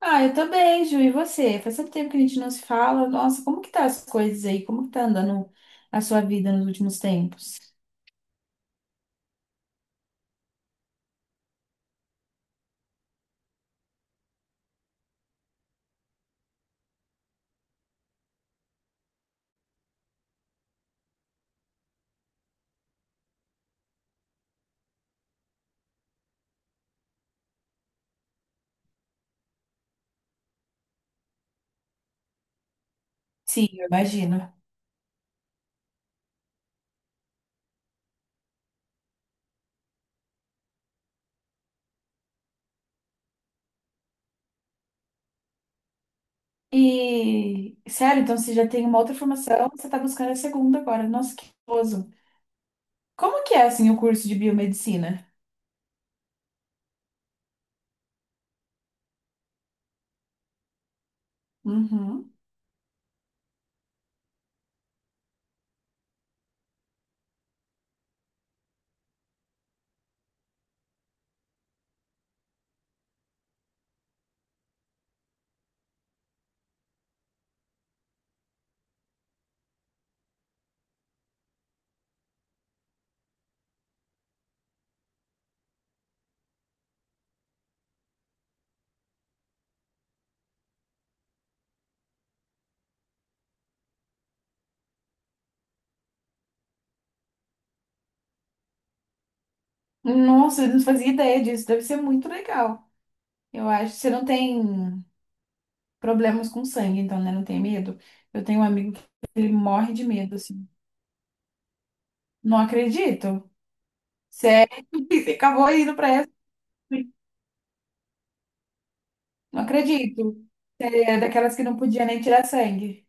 Ah, eu tô bem, Ju. E você? Faz tanto tempo que a gente não se fala. Nossa, como que tá as coisas aí? Como que tá andando a sua vida nos últimos tempos? Sim, eu imagino. E, sério, então você já tem uma outra formação, você tá buscando a segunda agora. Nossa, que gostoso. Como que é, assim, o curso de biomedicina? Uhum. Nossa, eu não fazia ideia disso. Deve ser muito legal. Eu acho. Você não tem problemas com sangue, então, né? Não tem medo? Eu tenho um amigo que ele morre de medo, assim. Não acredito. Sério, e acabou indo pra essa. Não acredito. É daquelas que não podia nem tirar sangue.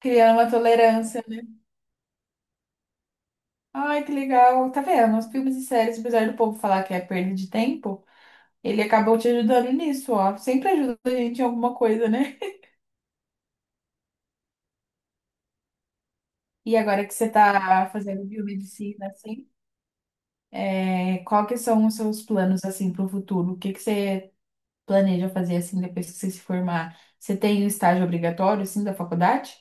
Criando uma tolerância. Ai, que legal. Tá vendo? Os filmes e séries, apesar do povo falar que é perda de tempo, ele acabou te ajudando nisso, ó. Sempre ajuda a gente em alguma coisa, né? E agora que você tá fazendo biomedicina, assim, é, qual que são os seus planos, assim, pro futuro? O que que você planeja fazer, assim, depois que você se formar? Você tem o estágio obrigatório, assim, da faculdade?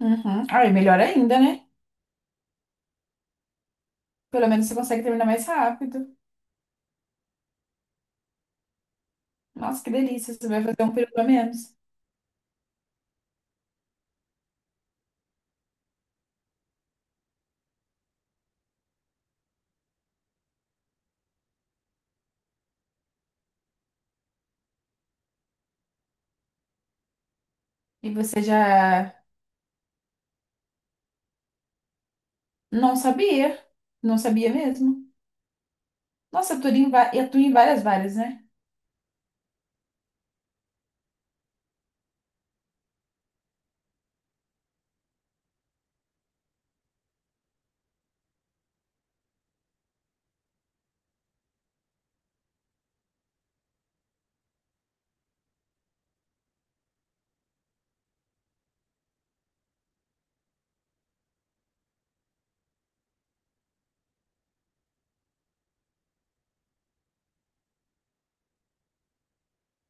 Uhum. Ah, é melhor ainda, né? Pelo menos você consegue terminar mais rápido. Nossa, que delícia. Você vai fazer um período a menos. E você já não sabia. Não sabia mesmo. Nossa, eu atuo em várias várias, né?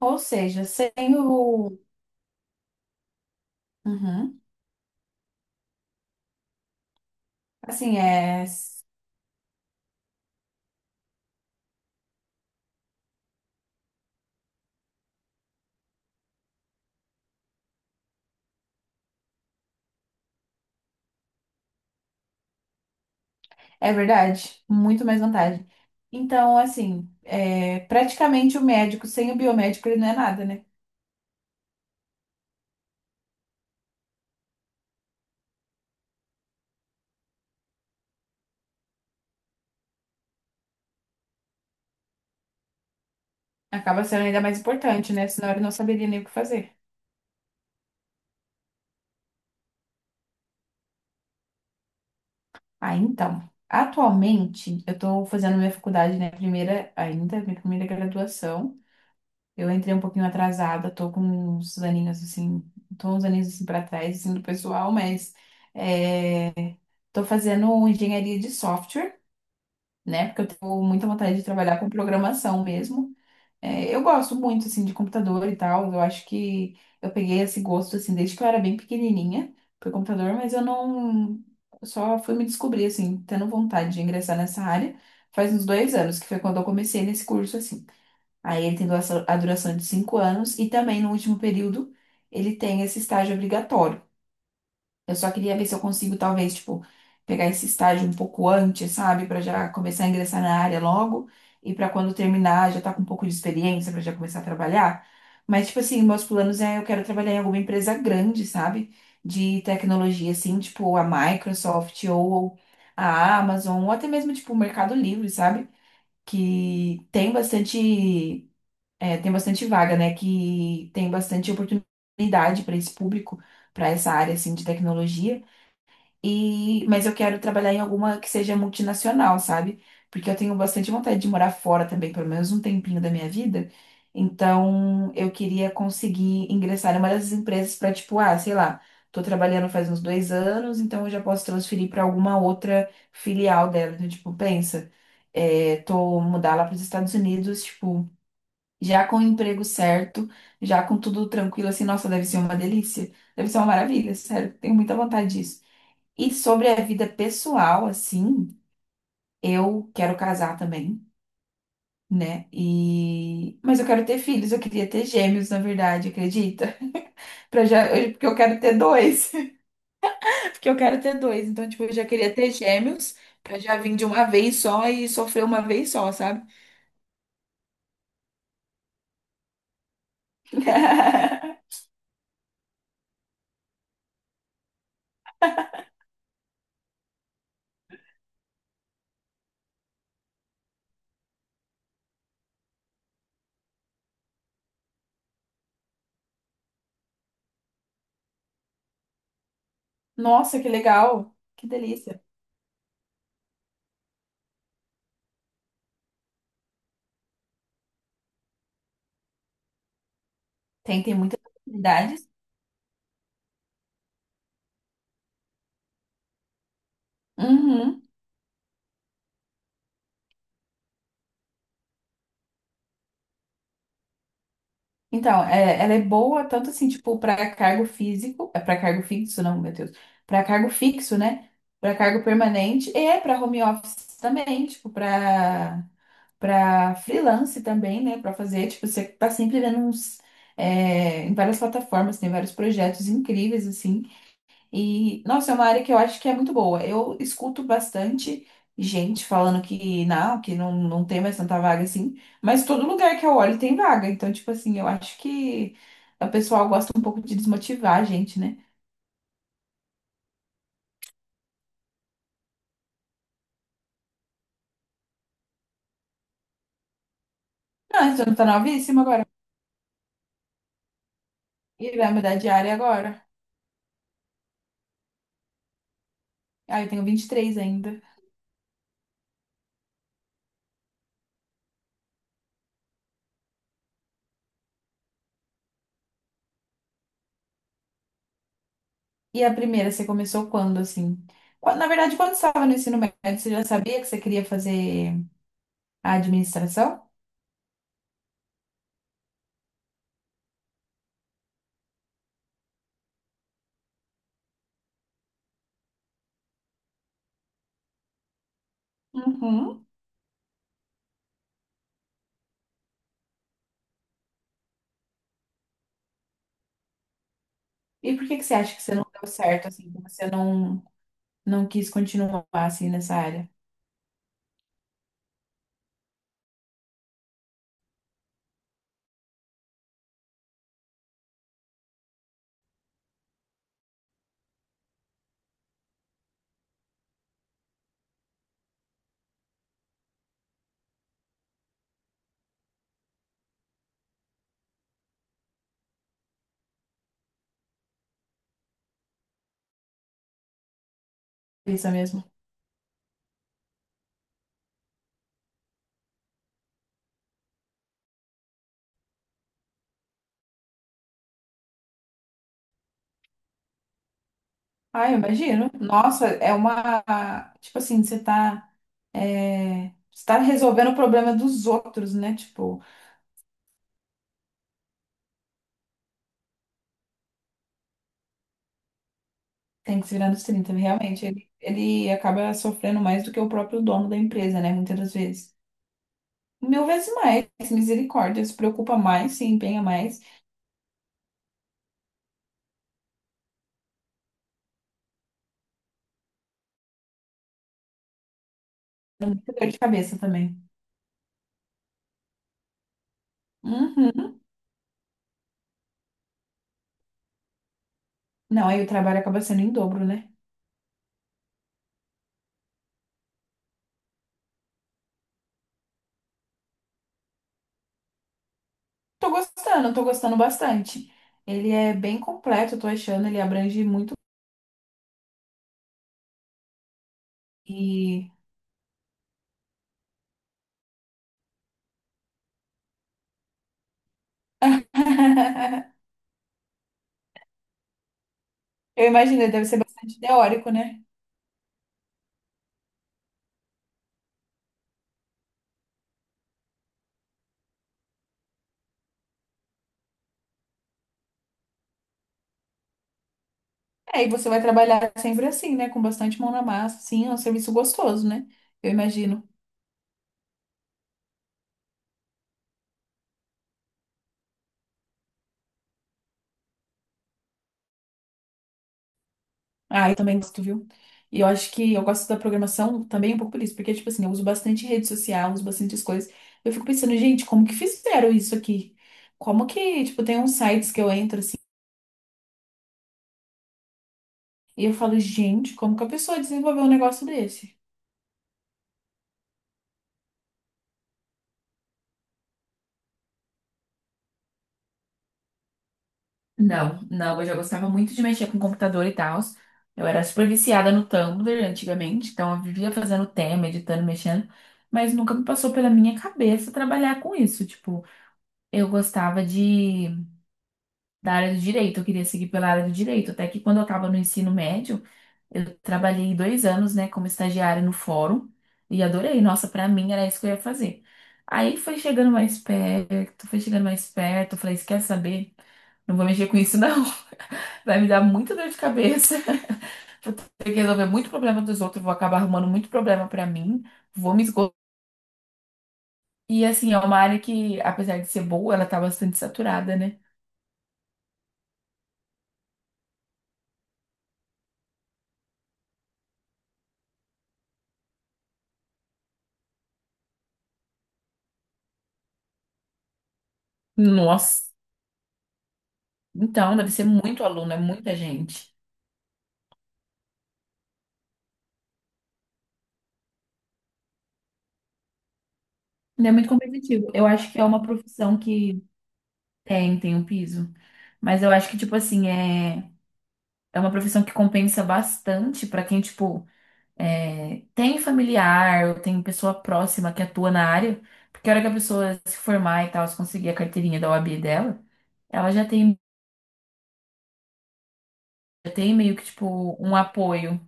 Ou seja, sem o. Uhum. Assim, é... é verdade. Muito mais vantagem. Então, assim, é... praticamente o médico sem o biomédico ele não é nada, né? Acaba sendo ainda mais importante, né? Senão ele não saberia nem o que fazer. Ah, então. Atualmente, eu estou fazendo minha faculdade, né? Primeira, ainda, minha primeira graduação. Eu entrei um pouquinho atrasada, tô com uns aninhos assim, tô uns aninhos assim para trás, assim, do pessoal, mas é, tô fazendo engenharia de software, né? Porque eu tenho muita vontade de trabalhar com programação mesmo. É, eu gosto muito, assim, de computador e tal. Eu acho que eu peguei esse gosto, assim, desde que eu era bem pequenininha por computador, mas eu não... eu só fui me descobrir, assim, tendo vontade de ingressar nessa área faz uns 2 anos, que foi quando eu comecei nesse curso, assim. Aí ele tem a duração de 5 anos e também no último período ele tem esse estágio obrigatório. Eu só queria ver se eu consigo, talvez, tipo, pegar esse estágio um pouco antes, sabe? Pra já começar a ingressar na área logo e pra quando terminar já tá com um pouco de experiência pra já começar a trabalhar. Mas, tipo assim, meus planos é eu quero trabalhar em alguma empresa grande, sabe? De tecnologia, assim, tipo a Microsoft ou a Amazon, ou até mesmo, tipo, o Mercado Livre, sabe? Que tem bastante, é, tem bastante vaga, né? Que tem bastante oportunidade para esse público, para essa área, assim, de tecnologia. E, mas eu quero trabalhar em alguma que seja multinacional, sabe? Porque eu tenho bastante vontade de morar fora também, pelo menos um tempinho da minha vida. Então, eu queria conseguir ingressar em uma dessas empresas para, tipo, ah, sei lá, tô trabalhando faz uns 2 anos, então eu já posso transferir para alguma outra filial dela. Então, tipo, pensa, é, tô mudar lá para os Estados Unidos, tipo, já com o emprego certo, já com tudo tranquilo, assim, nossa, deve ser uma delícia, deve ser uma maravilha, sério, tenho muita vontade disso. E sobre a vida pessoal, assim, eu quero casar também, né? E mas eu quero ter filhos, eu queria ter gêmeos, na verdade, acredita? Para já, eu- porque eu quero ter dois. Porque eu quero ter dois, então tipo, eu já queria ter gêmeos pra já vir de uma vez só e sofrer uma vez só, sabe? Nossa, que legal. Que delícia. Tem muitas oportunidades. Uhum. Então, ela é boa tanto assim, tipo, para cargo físico, é para cargo fixo, não, meu Deus, para cargo fixo, né? Para cargo permanente e é para home office também, tipo, para para freelance também, né? Para fazer, tipo, você tá sempre vendo uns é, em várias plataformas, tem vários projetos incríveis assim. E, nossa, é uma área que eu acho que é muito boa. Eu escuto bastante gente falando que não, não tem mais tanta vaga assim, mas todo lugar que eu olho tem vaga. Então, tipo assim, eu acho que o pessoal gosta um pouco de desmotivar a gente, né? Não, você não tá novíssima agora. E vai mudar de área agora. Ah, eu tenho 23 ainda. E a primeira, você começou quando, assim? Na verdade, quando você estava no ensino médio, você já sabia que você queria fazer a administração? Uhum. E por que que você acha que você não deu certo, assim, que você não quis continuar assim nessa área. Isso mesmo. Ah, eu imagino. Nossa, é uma. Tipo assim, você tá. É, você tá resolvendo o problema dos outros, né? Tipo, tem que se virar nos 30, realmente, ele acaba sofrendo mais do que o próprio dono da empresa, né? Muitas das vezes. Mil vezes mais. Misericórdia. Se preocupa mais, se empenha mais. Dor de cabeça também. Uhum. Não, aí o trabalho acaba sendo em dobro, né? Tô gostando bastante. Ele é bem completo, eu tô achando, ele abrange muito e eu imagino, ele deve ser bastante teórico, né? É, e você vai trabalhar sempre assim, né? Com bastante mão na massa, sim, é um serviço gostoso, né? Eu imagino. Ah, eu também gosto, viu? E eu acho que eu gosto da programação também um pouco por isso, porque, tipo assim, eu uso bastante rede social, uso bastante as coisas. Eu fico pensando, gente, como que fizeram isso aqui? Como que, tipo, tem uns sites que eu entro assim, e eu falo, gente, como que a pessoa desenvolveu um negócio desse? Não, não, eu já gostava muito de mexer com computador e tal. Eu era super viciada no Tumblr antigamente, então eu vivia fazendo tema, editando, mexendo, mas nunca me passou pela minha cabeça trabalhar com isso. Tipo, eu gostava de da área do direito, eu queria seguir pela área do direito, até que quando eu estava no ensino médio, eu trabalhei 2 anos, né, como estagiária no fórum e adorei. Nossa, pra mim era isso que eu ia fazer. Aí foi chegando mais perto, foi chegando mais perto, eu falei, "Você quer saber? Não vou mexer com isso, não. Vai me dar muita dor de cabeça. Vou ter que resolver muito problema dos outros, vou acabar arrumando muito problema pra mim, vou me esgotar. E assim, é uma área que, apesar de ser boa, ela tá bastante saturada, né? Nossa. Então, deve ser muito aluno, é muita gente. E é muito competitivo. Eu acho que é uma profissão que tem um piso. Mas eu acho que, tipo assim, é, é uma profissão que compensa bastante pra quem, tipo, é, tem familiar ou tem pessoa próxima que atua na área, porque a hora que a pessoa se formar e tal, se conseguir a carteirinha da OAB dela, ela já tem meio que tipo um apoio,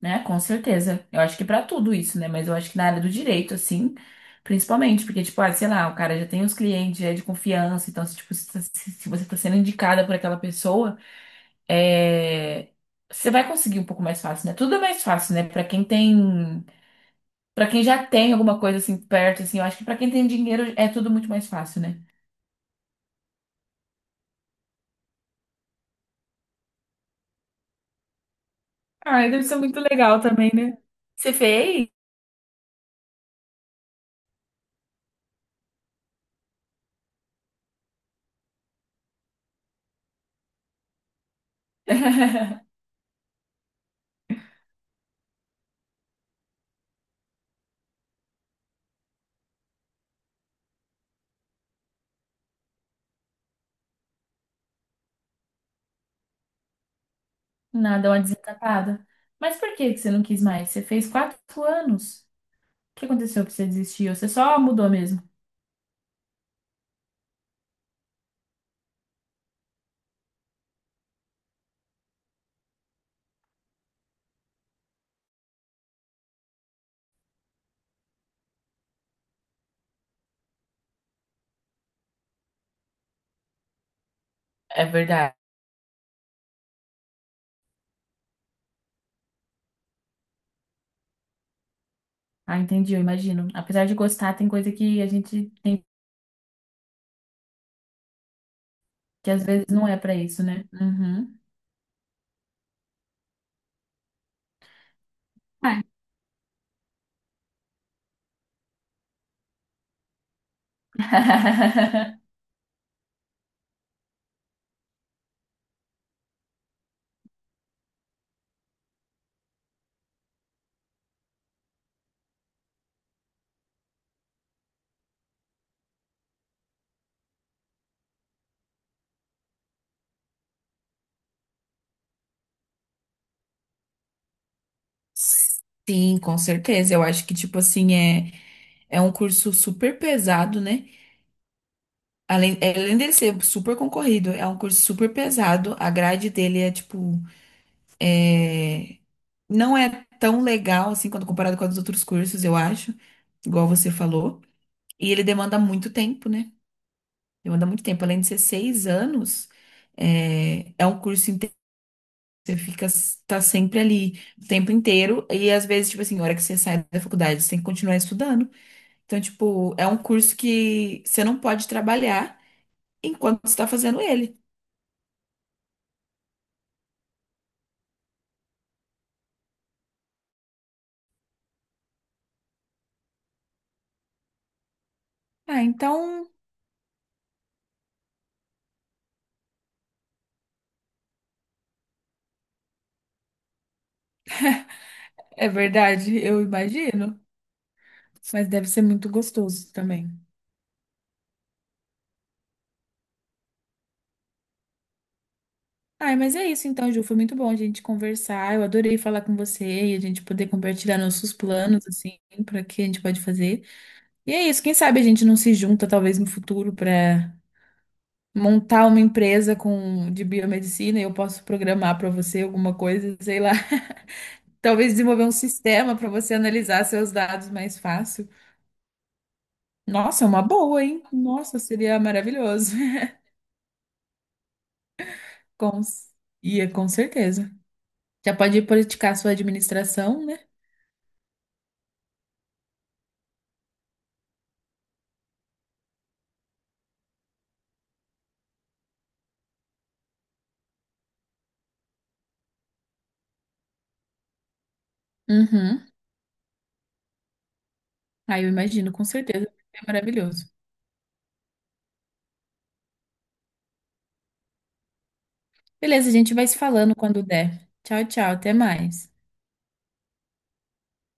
né? Com certeza. Eu acho que pra tudo isso, né? Mas eu acho que na área do direito, assim, principalmente, porque, tipo, ah, sei lá, o cara já tem os clientes, já é de confiança, então, se, tipo, se você tá sendo indicada por aquela pessoa, é, você vai conseguir um pouco mais fácil, né? Tudo é mais fácil, né? Pra quem já tem alguma coisa assim perto, assim, eu acho que pra quem tem dinheiro é tudo muito mais fácil, né? Ai, deve ser muito legal também, né? Você fez? Nada, uma desencapada. Mas por que que você não quis mais? Você fez 4 anos. O que aconteceu que você desistiu? Você só mudou mesmo. É verdade. Ah, entendi, eu imagino. Apesar de gostar, tem coisa que a gente tem que às vezes não é pra isso, né? Uhum. Ai, sim, com certeza. Eu acho que, tipo assim, é, é um curso super pesado, né? Além, é, além dele ser super concorrido, é um curso super pesado. A grade dele é tipo, é, não é tão legal assim quando comparado com os outros cursos, eu acho, igual você falou. E ele demanda muito tempo, né? Demanda muito tempo. Além de ser 6 anos, é, é um curso inteiro. Você fica, tá sempre ali o tempo inteiro. E às vezes, tipo assim, a hora que você sai da faculdade, você tem que continuar estudando. Então, tipo, é um curso que você não pode trabalhar enquanto você tá fazendo ele. Ah, então é verdade, eu imagino. Mas deve ser muito gostoso também. Ai, mas é isso então, Ju. Foi muito bom a gente conversar. Eu adorei falar com você e a gente poder compartilhar nossos planos, assim, para que a gente pode fazer. E é isso. Quem sabe a gente não se junta, talvez no futuro, para montar uma empresa com de biomedicina e eu posso programar para você alguma coisa, sei lá. Talvez desenvolver um sistema para você analisar seus dados mais fácil. Nossa, é uma boa, hein? Nossa, seria maravilhoso. Com... Ia, com certeza. Já pode politicar sua administração, né? Uhum. Aí eu imagino, com certeza. É maravilhoso. Beleza, a gente vai se falando quando der. Tchau, tchau. Até mais.